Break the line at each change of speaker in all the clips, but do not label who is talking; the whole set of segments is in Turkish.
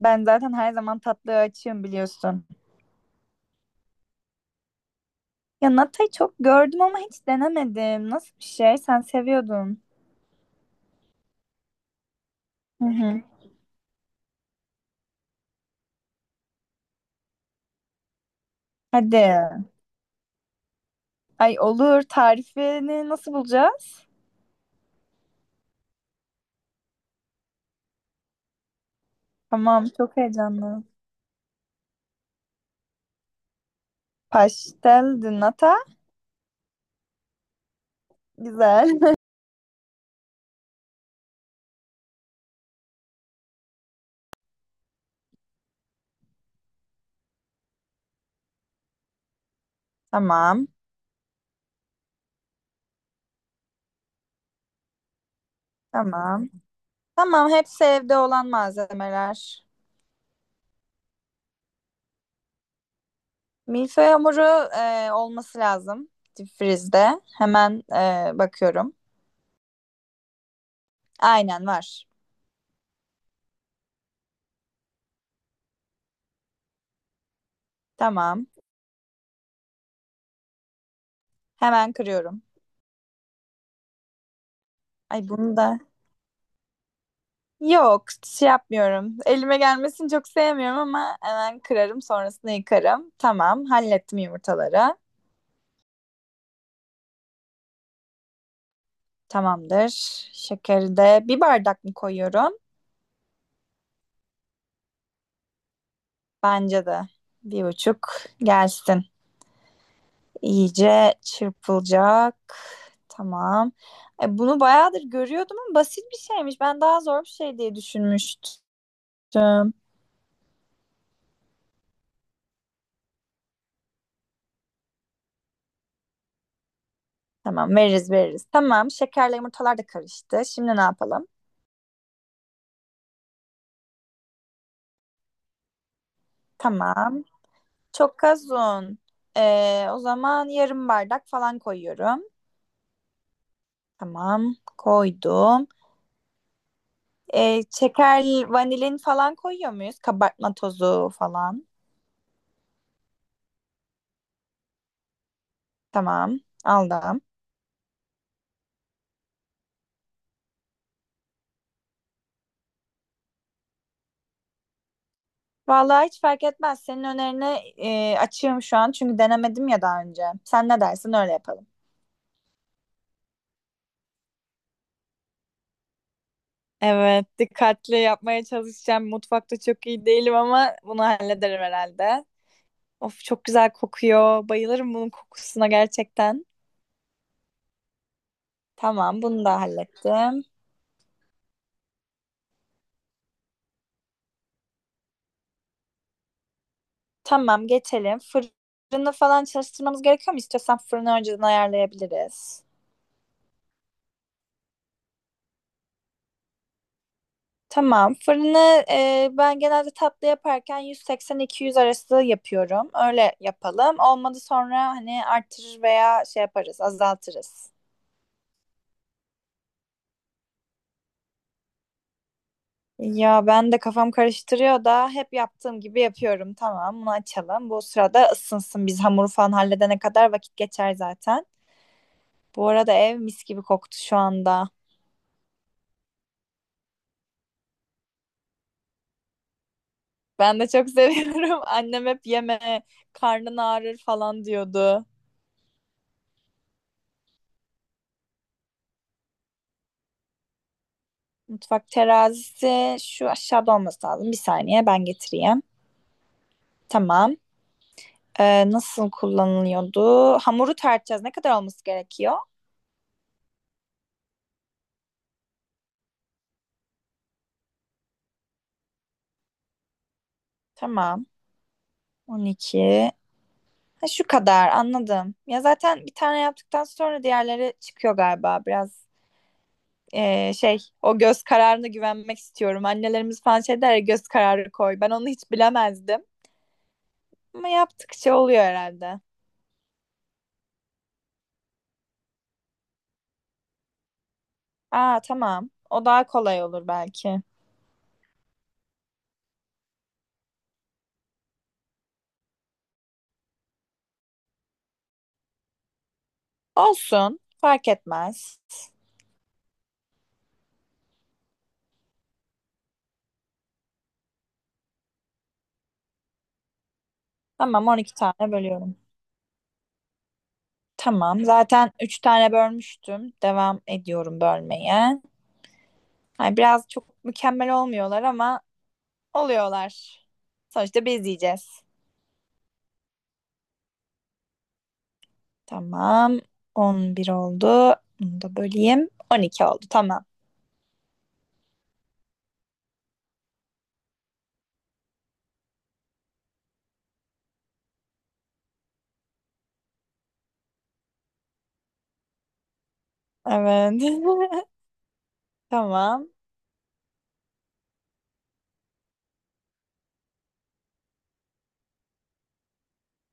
Ben zaten her zaman tatlıya açığım biliyorsun. Ya Nata'yı çok gördüm ama hiç denemedim. Nasıl bir şey? Sen seviyordun. Hı hı. Hadi. Ay olur. Tarifini nasıl bulacağız? Tamam, çok heyecanlı. Pastel de nata. Güzel. Tamam. Tamam. Tamam, hepsi evde olan malzemeler. Milföy hamuru olması lazım. Dipfrizde. Hemen bakıyorum. Aynen var. Tamam. Hemen kırıyorum. Ay bunu da Yok, şey yapmıyorum. Elime gelmesini çok sevmiyorum ama hemen kırarım, sonrasında yıkarım. Tamam, hallettim yumurtaları. Tamamdır. Şekeri de bir bardak mı koyuyorum? Bence de bir buçuk gelsin. İyice çırpılacak. Tamam. Bunu bayağıdır görüyordum ama basit bir şeymiş. Ben daha zor bir şey diye düşünmüştüm. Tamam, veririz veririz. Tamam, şekerle yumurtalar da karıştı. Şimdi ne yapalım? Tamam. Çok az un. O zaman yarım bardak falan koyuyorum. Tamam, koydum. Şeker, vanilin falan koyuyor muyuz? Kabartma tozu falan. Tamam, aldım. Vallahi hiç fark etmez. Senin önerine açığım şu an çünkü denemedim ya daha önce. Sen ne dersin öyle yapalım. Evet, dikkatli yapmaya çalışacağım. Mutfakta çok iyi değilim ama bunu hallederim herhalde. Of çok güzel kokuyor. Bayılırım bunun kokusuna gerçekten. Tamam, bunu da hallettim. Tamam, geçelim. Fırını falan çalıştırmamız gerekiyor mu? İstiyorsan fırını önceden ayarlayabiliriz. Tamam, fırını ben genelde tatlı yaparken 180-200 arası yapıyorum. Öyle yapalım. Olmadı sonra hani artırır veya şey yaparız, azaltırız. Ya ben de kafam karıştırıyor da hep yaptığım gibi yapıyorum. Tamam, bunu açalım. Bu sırada ısınsın. Biz hamuru falan halledene kadar vakit geçer zaten. Bu arada ev mis gibi koktu şu anda. Ben de çok seviyorum. Annem hep yeme, karnın ağrır falan diyordu. Mutfak terazisi şu aşağıda olması lazım. Bir saniye ben getireyim. Tamam. Nasıl kullanılıyordu? Hamuru tartacağız. Ne kadar olması gerekiyor? Tamam. 12. Ha, şu kadar anladım. Ya zaten bir tane yaptıktan sonra diğerleri çıkıyor galiba. Biraz şey o göz kararına güvenmek istiyorum. Annelerimiz falan şey der ya, göz kararı koy. Ben onu hiç bilemezdim. Ama yaptıkça oluyor herhalde. Aa, tamam. O daha kolay olur belki. Olsun. Fark etmez. Tamam, 12 tane bölüyorum. Tamam. Zaten 3 tane bölmüştüm. Devam ediyorum bölmeye. Hani biraz çok mükemmel olmuyorlar ama oluyorlar. Sonuçta biz yiyeceğiz. Tamam. 11 oldu. Bunu da böleyim. 12 oldu. Tamam. Evet. Tamam.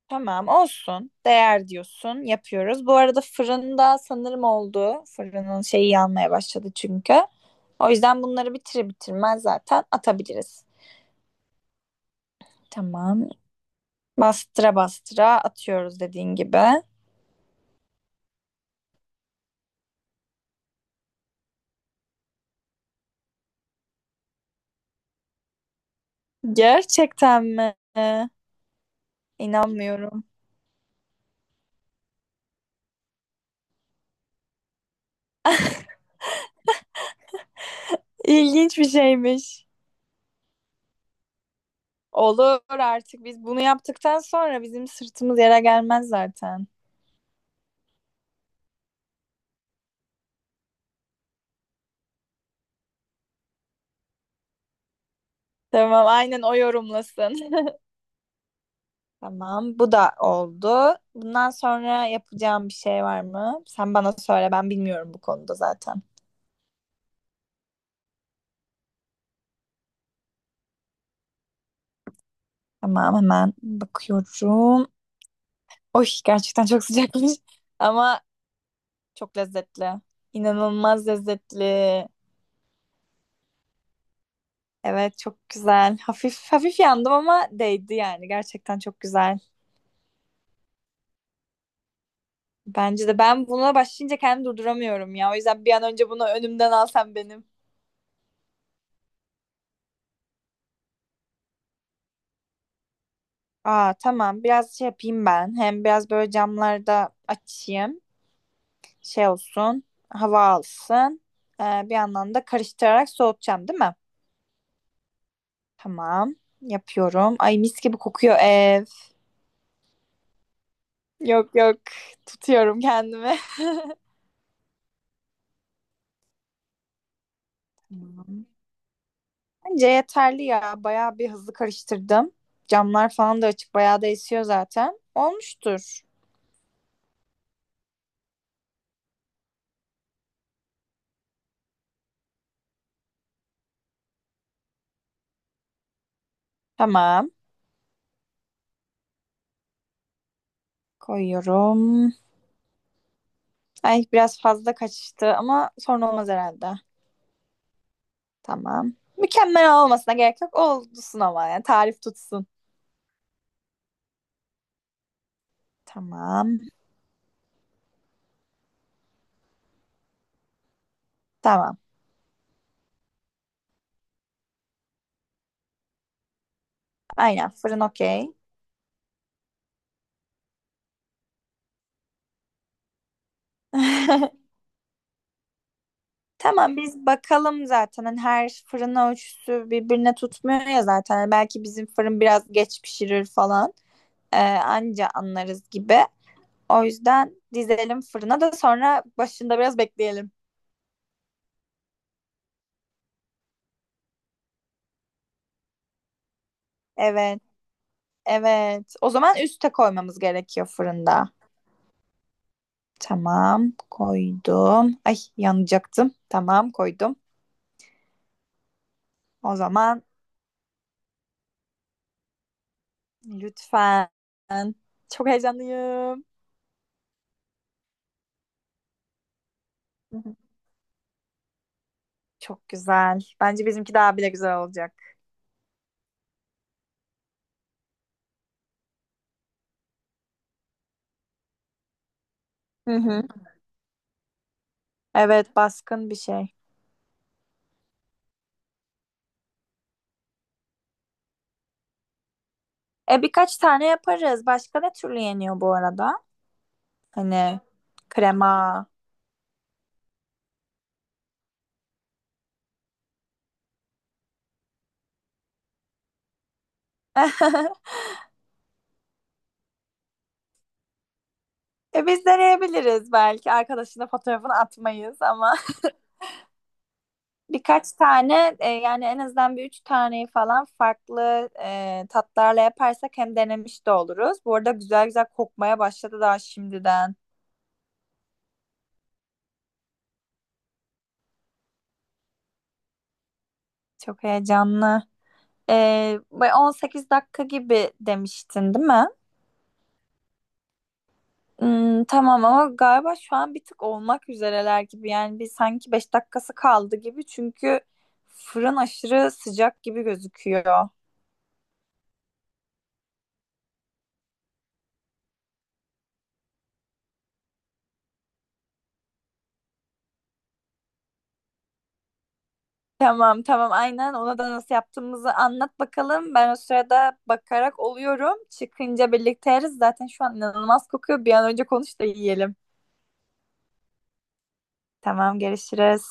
Tamam olsun. Değer diyorsun. Yapıyoruz. Bu arada fırında sanırım oldu. Fırının şeyi yanmaya başladı çünkü. O yüzden bunları bitire bitirmez zaten atabiliriz. Tamam. Bastıra bastıra atıyoruz dediğin gibi. Gerçekten mi? İnanmıyorum. İlginç bir şeymiş. Olur, artık biz bunu yaptıktan sonra bizim sırtımız yere gelmez zaten. Tamam, aynen o yorumlasın. Tamam, bu da oldu. Bundan sonra yapacağım bir şey var mı? Sen bana söyle, ben bilmiyorum bu konuda zaten. Tamam, hemen bakıyorum. Oy, gerçekten çok sıcakmış ama çok lezzetli. İnanılmaz lezzetli. Evet, çok güzel. Hafif hafif yandım ama değdi yani. Gerçekten çok güzel. Bence de ben buna başlayınca kendimi durduramıyorum ya. O yüzden bir an önce bunu önümden alsam benim. Aa, tamam, biraz şey yapayım ben. Hem biraz böyle camlarda açayım. Şey olsun, hava alsın. Bir yandan da karıştırarak soğutacağım, değil mi? Tamam. Yapıyorum. Ay mis gibi kokuyor ev. Yok, yok. Tutuyorum kendimi. Tamam. Bence yeterli ya. Bayağı bir hızlı karıştırdım. Camlar falan da açık. Bayağı da esiyor zaten. Olmuştur. Tamam. Koyuyorum. Ay biraz fazla kaçtı ama sorun olmaz herhalde. Tamam. Mükemmel olmasına gerek yok. Olsun ama yani tarif tutsun. Tamam. Tamam. Aynen, fırın okey. Tamam, biz bakalım zaten hani her fırın ölçüsü birbirine tutmuyor ya zaten. Hani belki bizim fırın biraz geç pişirir falan. Anca anlarız gibi. O yüzden dizelim fırına da sonra başında biraz bekleyelim. Evet, evet, o zaman üste koymamız gerekiyor fırında. Tamam, koydum. Ay yanacaktım. Tamam, koydum. O zaman lütfen. Çok heyecanlıyım. Çok güzel. Bence bizimki daha bile güzel olacak. Hı hı. Evet, baskın bir şey. Birkaç tane yaparız. Başka ne türlü yeniyor bu arada? Hani krema. Biz deneyebiliriz belki. Arkadaşına fotoğrafını atmayız ama birkaç tane yani en azından bir üç taneyi falan farklı tatlarla yaparsak hem denemiş de oluruz. Bu arada güzel güzel kokmaya başladı daha şimdiden. Çok heyecanlı. Bu 18 dakika gibi demiştin, değil mi? Tamam ama galiba şu an bir tık olmak üzereler gibi. Yani bir sanki 5 dakikası kaldı gibi. Çünkü fırın aşırı sıcak gibi gözüküyor. Tamam, tamam, aynen ona da nasıl yaptığımızı anlat bakalım. Ben o sırada bakarak oluyorum. Çıkınca birlikte yeriz. Zaten şu an inanılmaz kokuyor. Bir an önce konuş da yiyelim. Tamam, görüşürüz.